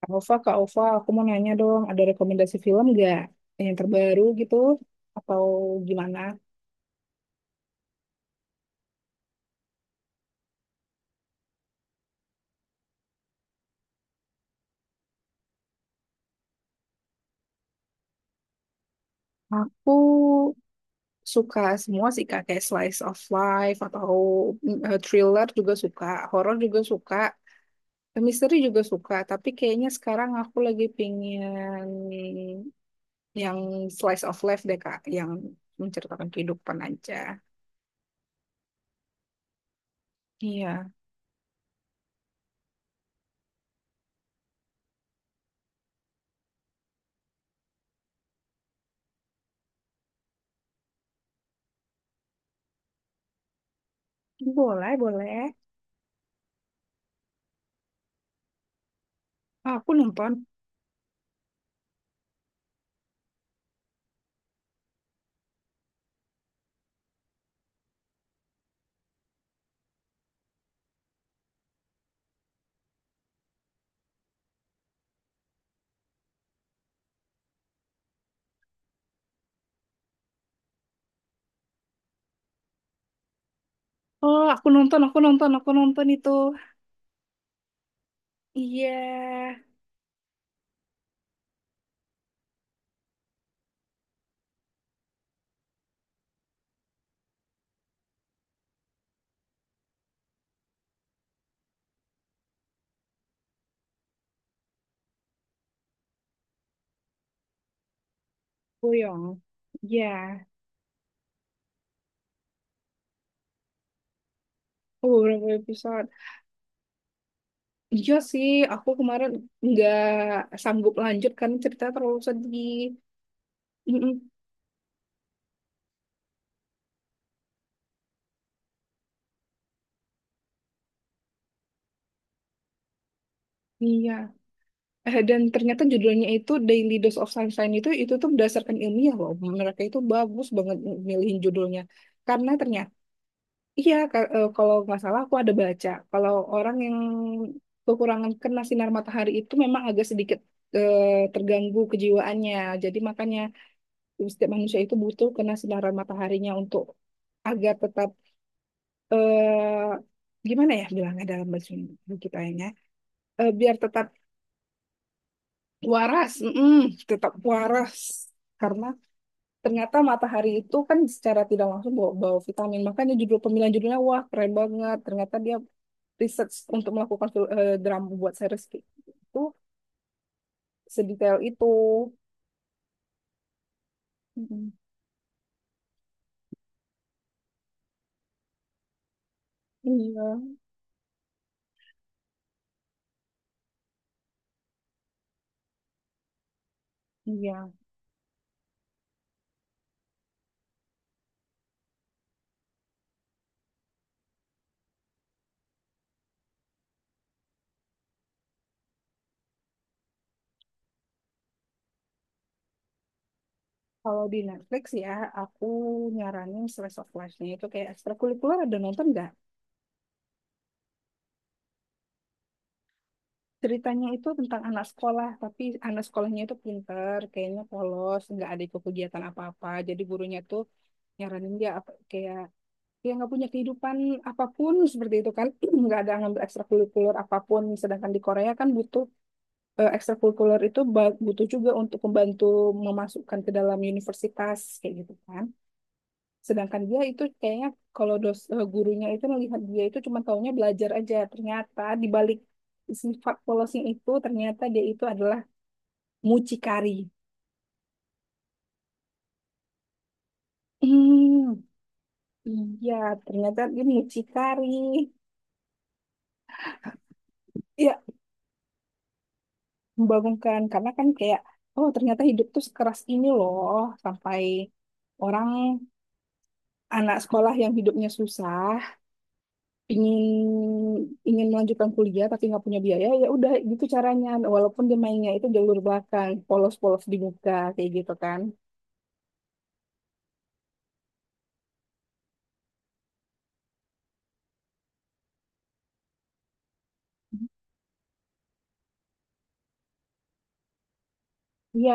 Kak Ova, Kak Ova, aku mau nanya dong, ada rekomendasi film nggak yang terbaru gitu? Atau gimana? Aku suka semua sih Kak, kayak slice of life atau thriller juga suka, horor juga suka, misteri juga suka. Tapi kayaknya sekarang aku lagi pingin yang slice of life deh Kak, yang menceritakan kehidupan aja. Iya, boleh, boleh. Ah, aku nonton. Oh, aku nonton, aku nonton, aku nonton itu. Iya, Boyong. Iya, aku beberapa episode. Iya sih, aku kemarin nggak sanggup lanjut karena cerita terlalu sedih. Mm-mm. Iya. Eh, dan ternyata judulnya itu Daily Dose of Sunshine itu tuh berdasarkan ilmiah loh. Mereka itu bagus banget milihin judulnya. Karena ternyata, kalau nggak salah aku ada baca. Kalau orang yang kekurangan kena sinar matahari itu memang agak sedikit eh, terganggu kejiwaannya. Jadi makanya setiap manusia itu butuh kena sinaran mataharinya untuk agar tetap eh gimana ya bilangnya dalam bahasa Indo kita ya? Eh, biar tetap waras, mm-mm, tetap waras. Karena ternyata matahari itu kan secara tidak langsung bawa vitamin. Makanya judul pemilihan judulnya wah keren banget. Ternyata dia research untuk melakukan drama buat series itu sedetail itu. Mm-mm. Iya, iya. Kalau di Netflix ya, aku nyaranin Slice of Life-nya itu kayak ekstrakurikuler, ada nonton nggak? Ceritanya itu tentang anak sekolah, tapi anak sekolahnya itu pinter, kayaknya polos, nggak ada ikut kegiatan apa-apa. Jadi gurunya tuh nyaranin dia kayak dia nggak punya kehidupan apapun seperti itu kan, nggak ada ngambil ekstrakurikuler apapun. Sedangkan di Korea kan butuh ekstrakurikuler itu butuh juga untuk membantu memasukkan ke dalam universitas kayak gitu kan. Sedangkan dia itu kayaknya kalau gurunya itu melihat dia itu cuma taunya belajar aja. Ternyata di balik sifat polosing itu ternyata dia itu adalah mucikari. Hmm, iya, ternyata dia mucikari. Ya, membangunkan karena kan kayak oh ternyata hidup tuh sekeras ini loh sampai orang anak sekolah yang hidupnya susah ingin ingin melanjutkan kuliah tapi nggak punya biaya ya udah gitu caranya walaupun dia mainnya itu jalur belakang polos-polos di muka kayak gitu kan. Iya,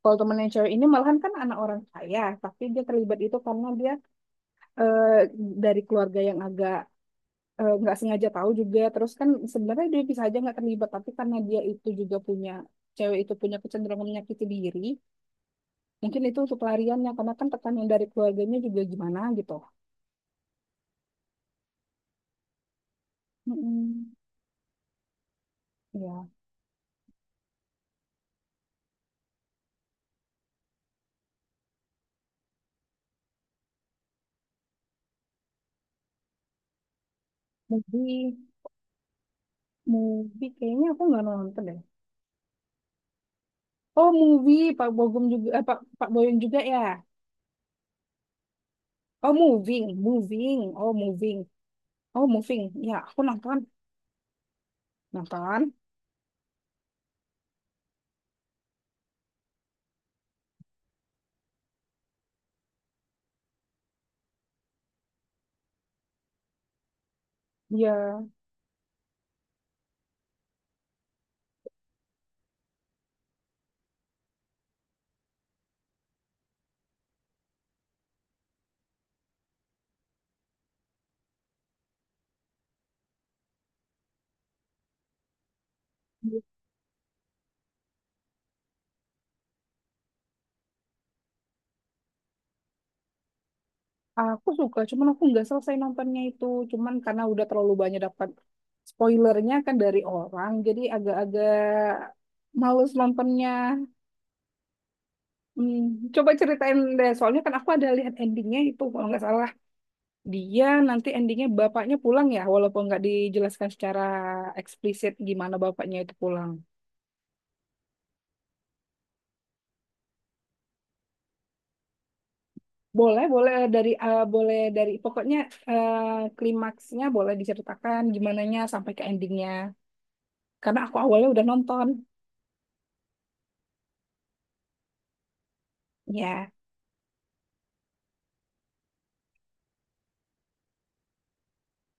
kalau teman yang cewek ini malahan kan anak orang kaya, tapi dia terlibat itu karena dia eh, dari keluarga yang agak nggak sengaja tahu juga. Terus kan sebenarnya dia bisa aja nggak terlibat, tapi karena dia itu juga punya cewek itu punya kecenderungan menyakiti diri, mungkin itu untuk pelariannya karena kan tekanan dari keluarganya juga gimana gitu. Mm-mm. Ya, jadi movie kayaknya aku nggak nonton deh. Oh movie Pak Bogum juga eh, Pak Pak Boyong juga ya. Oh moving, moving, oh moving, oh moving. Ya aku nonton, nonton. Ya aku suka, cuman aku nggak selesai nontonnya itu. Cuman karena udah terlalu banyak dapat spoilernya kan dari orang, jadi agak-agak males nontonnya. Hmm, coba ceritain deh, soalnya kan aku ada lihat endingnya itu kalau nggak salah. Dia nanti endingnya bapaknya pulang ya, walaupun nggak dijelaskan secara eksplisit gimana bapaknya itu pulang. Boleh, boleh boleh dari pokoknya eh, klimaksnya boleh diceritakan gimananya sampai ke endingnya. Karena aku awalnya udah nonton. Ya,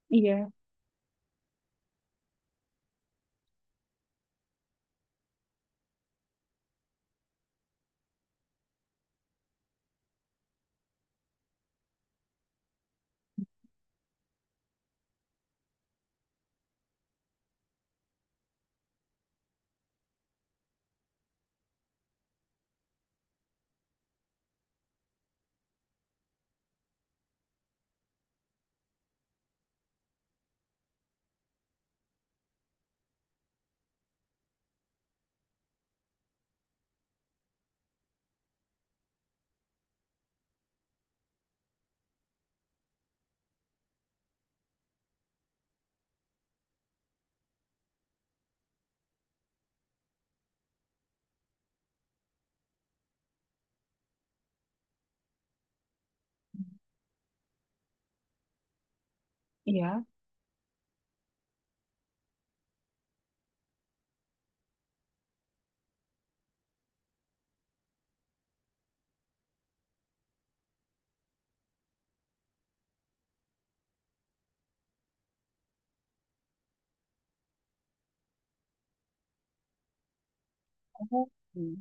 iya, iya. Oh, hmm.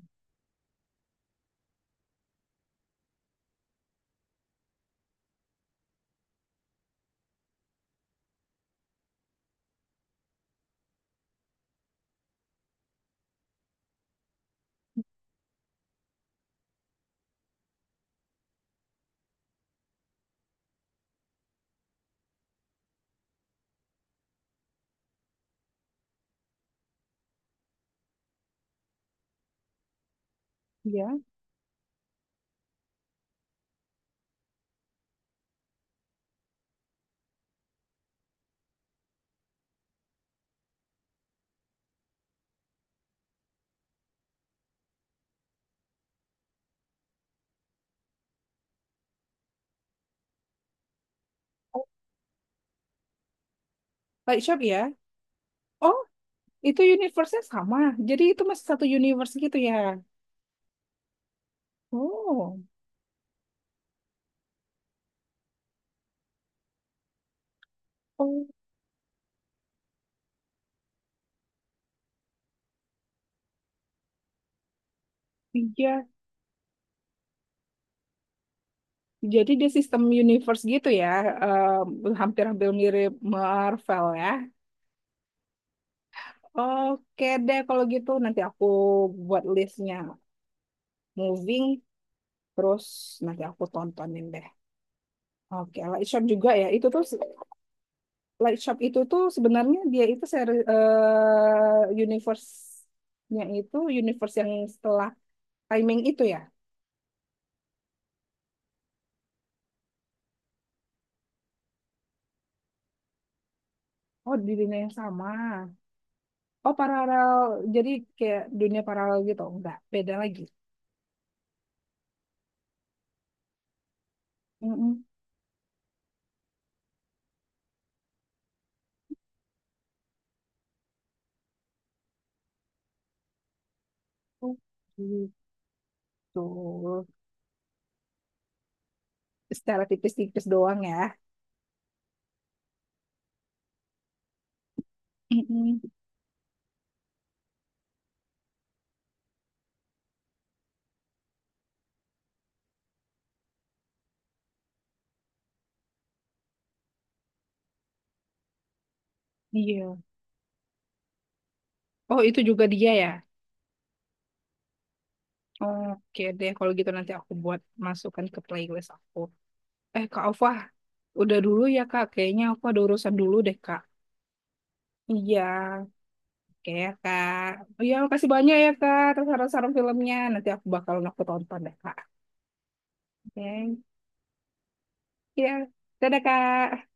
Iya. Oh, Light Shop ya? Oh, itu universe-nya sama. Jadi itu masih satu universe gitu ya? Oh, oh, iya. Jadi dia sistem universe gitu ya, hampir-hampir mirip Marvel ya. Oke deh kalau gitu nanti aku buat listnya moving, terus nanti aku tontonin deh. Oke, Light Shop juga ya. Itu tuh Light Shop itu tuh sebenarnya dia itu seri eh, universe-nya itu universe yang setelah timing itu ya. Oh, di dunia yang sama. Oh, paralel. Jadi kayak dunia paralel gitu. Enggak, beda lagi. Mm-mm. Oke. Tuh, secara tipis-tipis doang ya. Mm-mm. Iya. Oh, itu juga dia ya? Oke deh, kalau gitu nanti aku buat masukkan ke playlist aku. Eh, Kak Alfa, udah dulu ya, Kak. Kayaknya aku ada urusan dulu deh, Kak. Iya, oke ya, Kak. Oh, iya, makasih banyak ya, Kak, atas saran-saran filmnya. Nanti aku bakal aku tonton deh, Kak. Oke, iya. Dadah, Kak.